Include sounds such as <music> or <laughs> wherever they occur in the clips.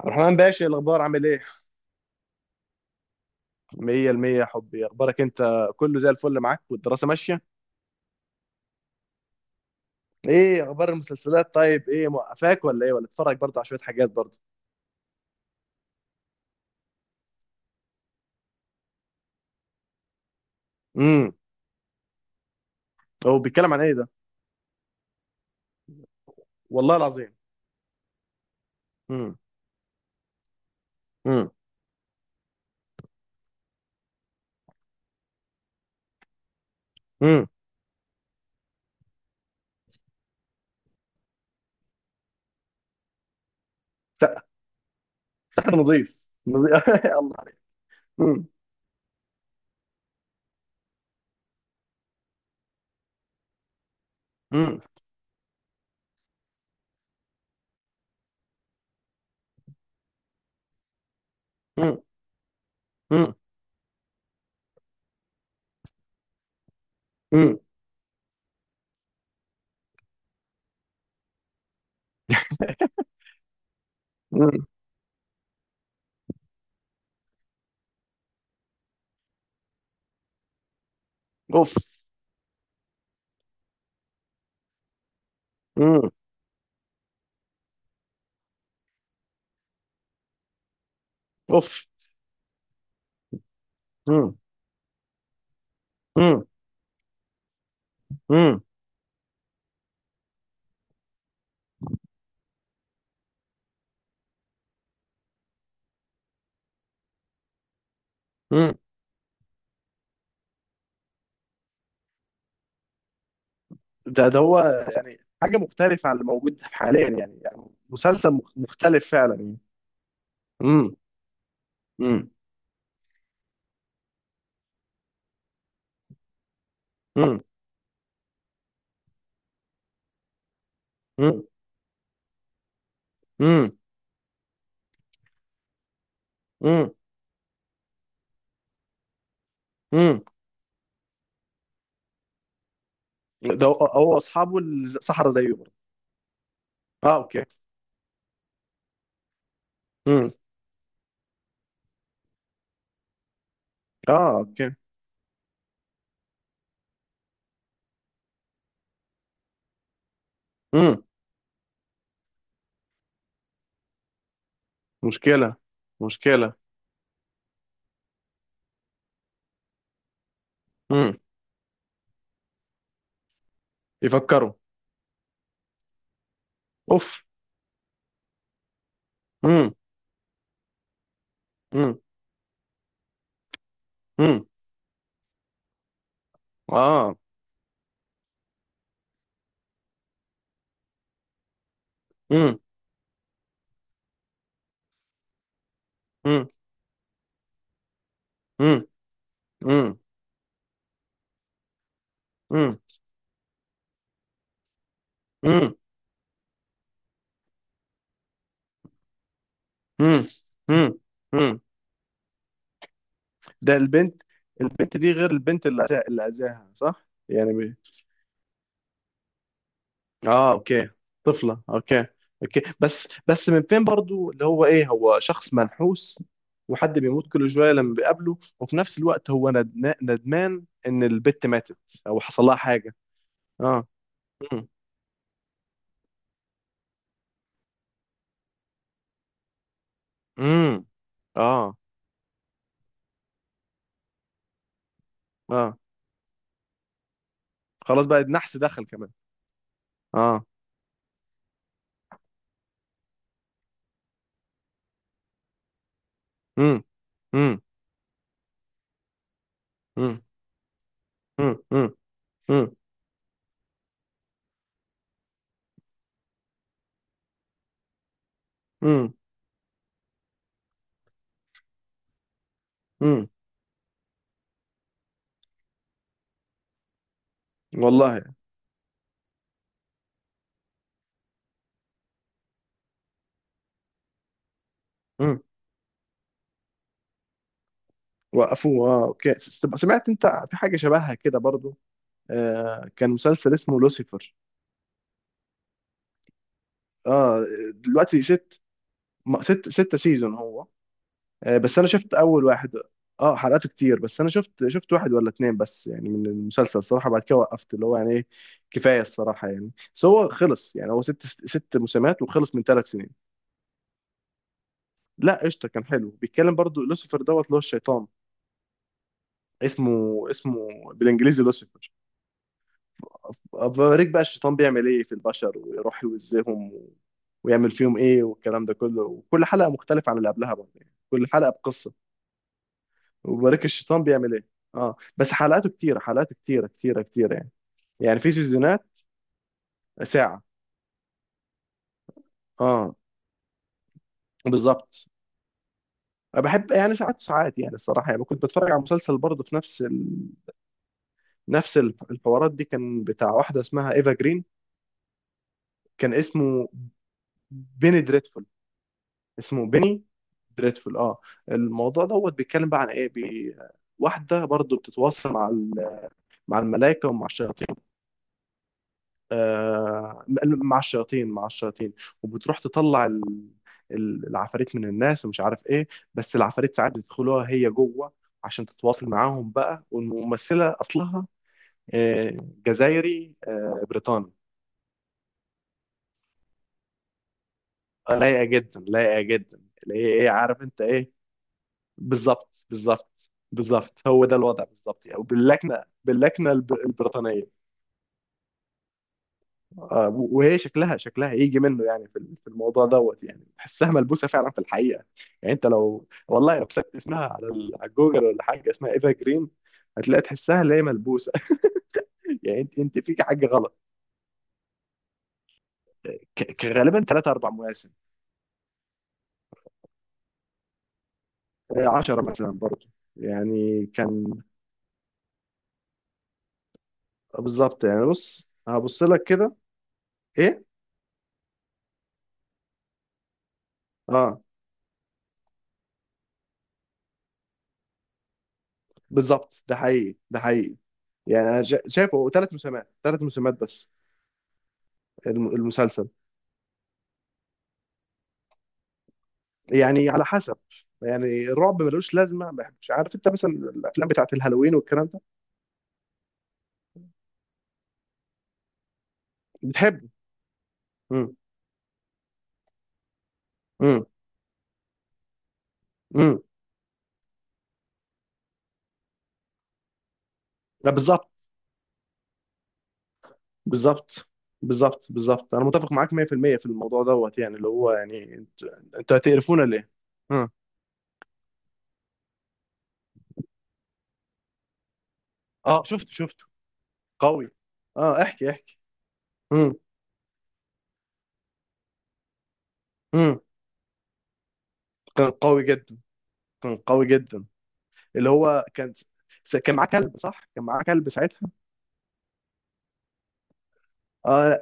عبد الرحمن باشا، الاخبار عامل ايه؟ 100 المية يا حبي. اخبارك انت؟ كله زي الفل معاك والدراسه ماشيه؟ ايه اخبار المسلسلات طيب؟ ايه موقفاك ولا ايه؟ ولا بتتفرج برضه على شويه حاجات برضه؟ امم. هو بيتكلم عن ايه ده؟ والله العظيم. امم. امم. امم. سحر نظيف نظيف <laughs> الله عليك. امم. امم. امم. امم. امم. أمم. اوف. امم. اوف. امم. امم. امم. أمم. ده ده هو حاجه مختلفه عن اللي موجود حاليا يعني, يعني مسلسل مختلف فعلا يعني. امم. امم. امم. امم. امم. امم. امم. ده هو هو اصحابه الصحراء زيه برضه. اه، اوكي. امم. اه، اوكي. امم. مشكله. مشكله. امم. يفكروا. اوف. امم. امم. امم. اه. امم. امم. امم. امم. امم. امم. امم. امم. امم. ده البنت، البنت دي غير البنت اللي اذاها صح يعني؟ اه، اوكي. طفلة، اوكي. اوكي. بس من فين برضو اللي هو ايه؟ هو شخص منحوس وحد بيموت كل شوية لما بيقابله، وفي نفس الوقت هو ندمان ان البت ماتت او حصل لها حاجة؟ اه. امم. امم. اه. اه. خلاص بقى النحس دخل كمان. اه. امم. امم. امم. امم. امم. امم. امم. امم. والله. امم. وقفوه، اه اوكي. سمعت انت في حاجة شبهها كده برضو؟ آه، كان مسلسل اسمه لوسيفر. اه. دلوقتي ست، ستة سيزون هو. آه، بس انا شفت اول واحد. اه، حلقاته كتير. بس انا شفت، شفت واحد ولا اتنين بس يعني من المسلسل الصراحة. بعد كده وقفت، اللي هو يعني ايه، كفاية الصراحة يعني. بس هو خلص، يعني هو ست موسمات وخلص من ثلاث سنين. لا، قشطة، كان حلو. بيتكلم برضو لوسيفر دوت اللي هو الشيطان. اسمه، اسمه بالانجليزي لوسيفر. أوريك بقى الشيطان بيعمل ايه في البشر، ويروح يوزيهم و... ويعمل فيهم ايه والكلام ده كله. وكل حلقة مختلفة عن اللي قبلها برضه، يعني كل حلقة بقصة. وبارك الشيطان بيعمل ايه. اه، بس حلقاته كتيره، حلقاته كتيره يعني. يعني في سيزونات. ساعه. اه، بالظبط. أنا بحب يعني ساعات وساعات يعني الصراحه. يعني كنت بتفرج على مسلسل برضه في نفس الحوارات دي. كان بتاع واحده اسمها ايفا جرين. كان اسمه بيني دريدفول. اسمه بيني دريدفول، اه. الموضوع دوت بيتكلم بقى عن ايه. واحده برضه بتتواصل مع مع الملائكه ومع الشياطين. مع الشياطين، مع الشياطين. وبتروح تطلع العفاريت من الناس ومش عارف ايه. بس العفاريت ساعات بيدخلوها هي جوه عشان تتواصل معاهم بقى. والممثلة أصلها آه، جزائري بريطاني. لايقة جدا، لايقة جدا. اللي هي ايه، عارف انت ايه. بالظبط، بالظبط، بالظبط. هو ده الوضع بالظبط يعني، باللكنة، البريطانية. وهي شكلها، شكلها يجي منه يعني، في في الموضوع دوت، يعني تحسها ملبوسه فعلا في الحقيقه. يعني انت لو، والله لو كتبت اسمها على على جوجل ولا حاجه، اسمها ايفا جرين، هتلاقي تحسها اللي هي ملبوسه. <laughs> يعني انت، انت فيك حاجه غلط. غالبا ثلاثة اربع مواسم. 10 مثلا برضه يعني كان. آه، بالظبط يعني. بص هبص لك كده. ايه. اه، بالظبط، ده حقيقي، ده حقيقي. يعني انا شايفه ثلاث موسمات، ثلاث موسمات بس. المسلسل يعني على حسب. يعني الرعب ملوش لازمه، ما بحبش، عارف انت، مثلا الافلام بتاعت الهالوين والكلام ده. بتحب. امم. امم. امم. لا، بالظبط. بالظبط، بالظبط، بالظبط، انا متفق معاك 100% في المية في الموضوع دوت. يعني اللي هو يعني، انتوا، انتوا هتقرفونا ليه؟ امم. اه، شفته شفته. قوي. اه، احكي احكي. امم. امم. كان قوي جدا، كان قوي جدا. اللي هو كان، كان معاه كلب صح؟ كان معاه كلب ساعتها. آه.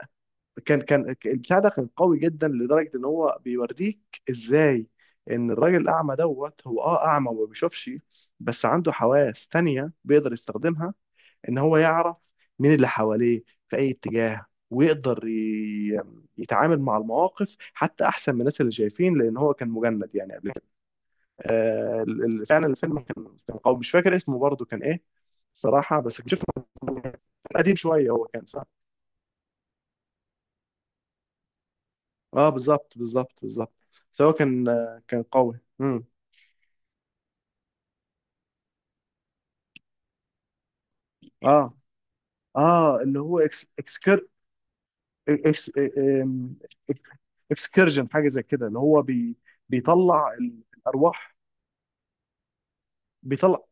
كان، كان البتاع ده كان قوي جدا، لدرجه ان هو بيوريك ازاي ان الراجل الاعمى دوت، هو اه اعمى وما بيشوفش، بس عنده حواس تانية بيقدر يستخدمها، ان هو يعرف مين اللي حواليه في اي اتجاه، ويقدر يتعامل مع المواقف حتى احسن من الناس اللي شايفين، لان هو كان مجند يعني قبل كده. آه، فعلا الفيلم كان، كان قوي، مش فاكر اسمه برضه، كان ايه صراحه، بس شفته قديم شويه. هو كان، اه، بالظبط، بالظبط، بالظبط. فهو كان، كان قوي. امم. اه. اه، اللي هو اكس، اكس آم، إك- اكسكرجن، حاجه زي كده، اللي هو بيطلع الارواح. بيطلع.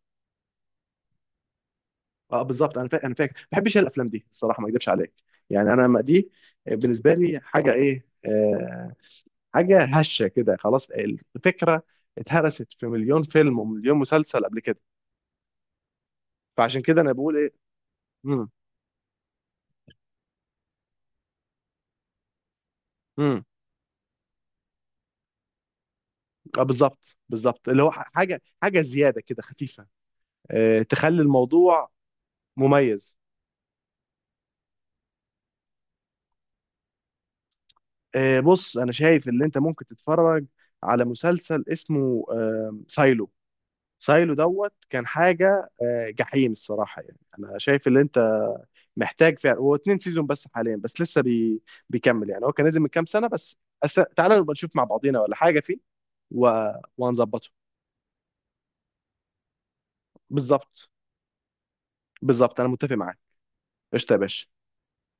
اه، بالظبط. انا فاكر، انا فاكر، ما بحبش الافلام دي الصراحه، ما اكذبش عليك. يعني انا ما دي، بالنسبه لي حاجه ايه حاجه هشه كده، خلاص الفكره اتهرست في مليون فيلم ومليون مسلسل قبل كده. فعشان كده انا بقول ايه. امم. اه، بالظبط، بالظبط. اللي هو حاجه، حاجه زياده كده خفيفه، تخلي الموضوع مميز. بص انا شايف ان انت ممكن تتفرج على مسلسل اسمه سايلو. سايلو دوت كان حاجه جحيم الصراحه. يعني انا شايف ان انت محتاج فعلا. هو اتنين سيزون بس حاليا، بس لسه بيكمل يعني، هو كان نازل من كام سنه بس. تعالى نبقى نشوف مع بعضينا ولا حاجه فيه. و... وهنظبطه. بالظبط، بالظبط، انا متفق معاك. قشطه يا باشا.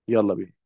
يلا بينا.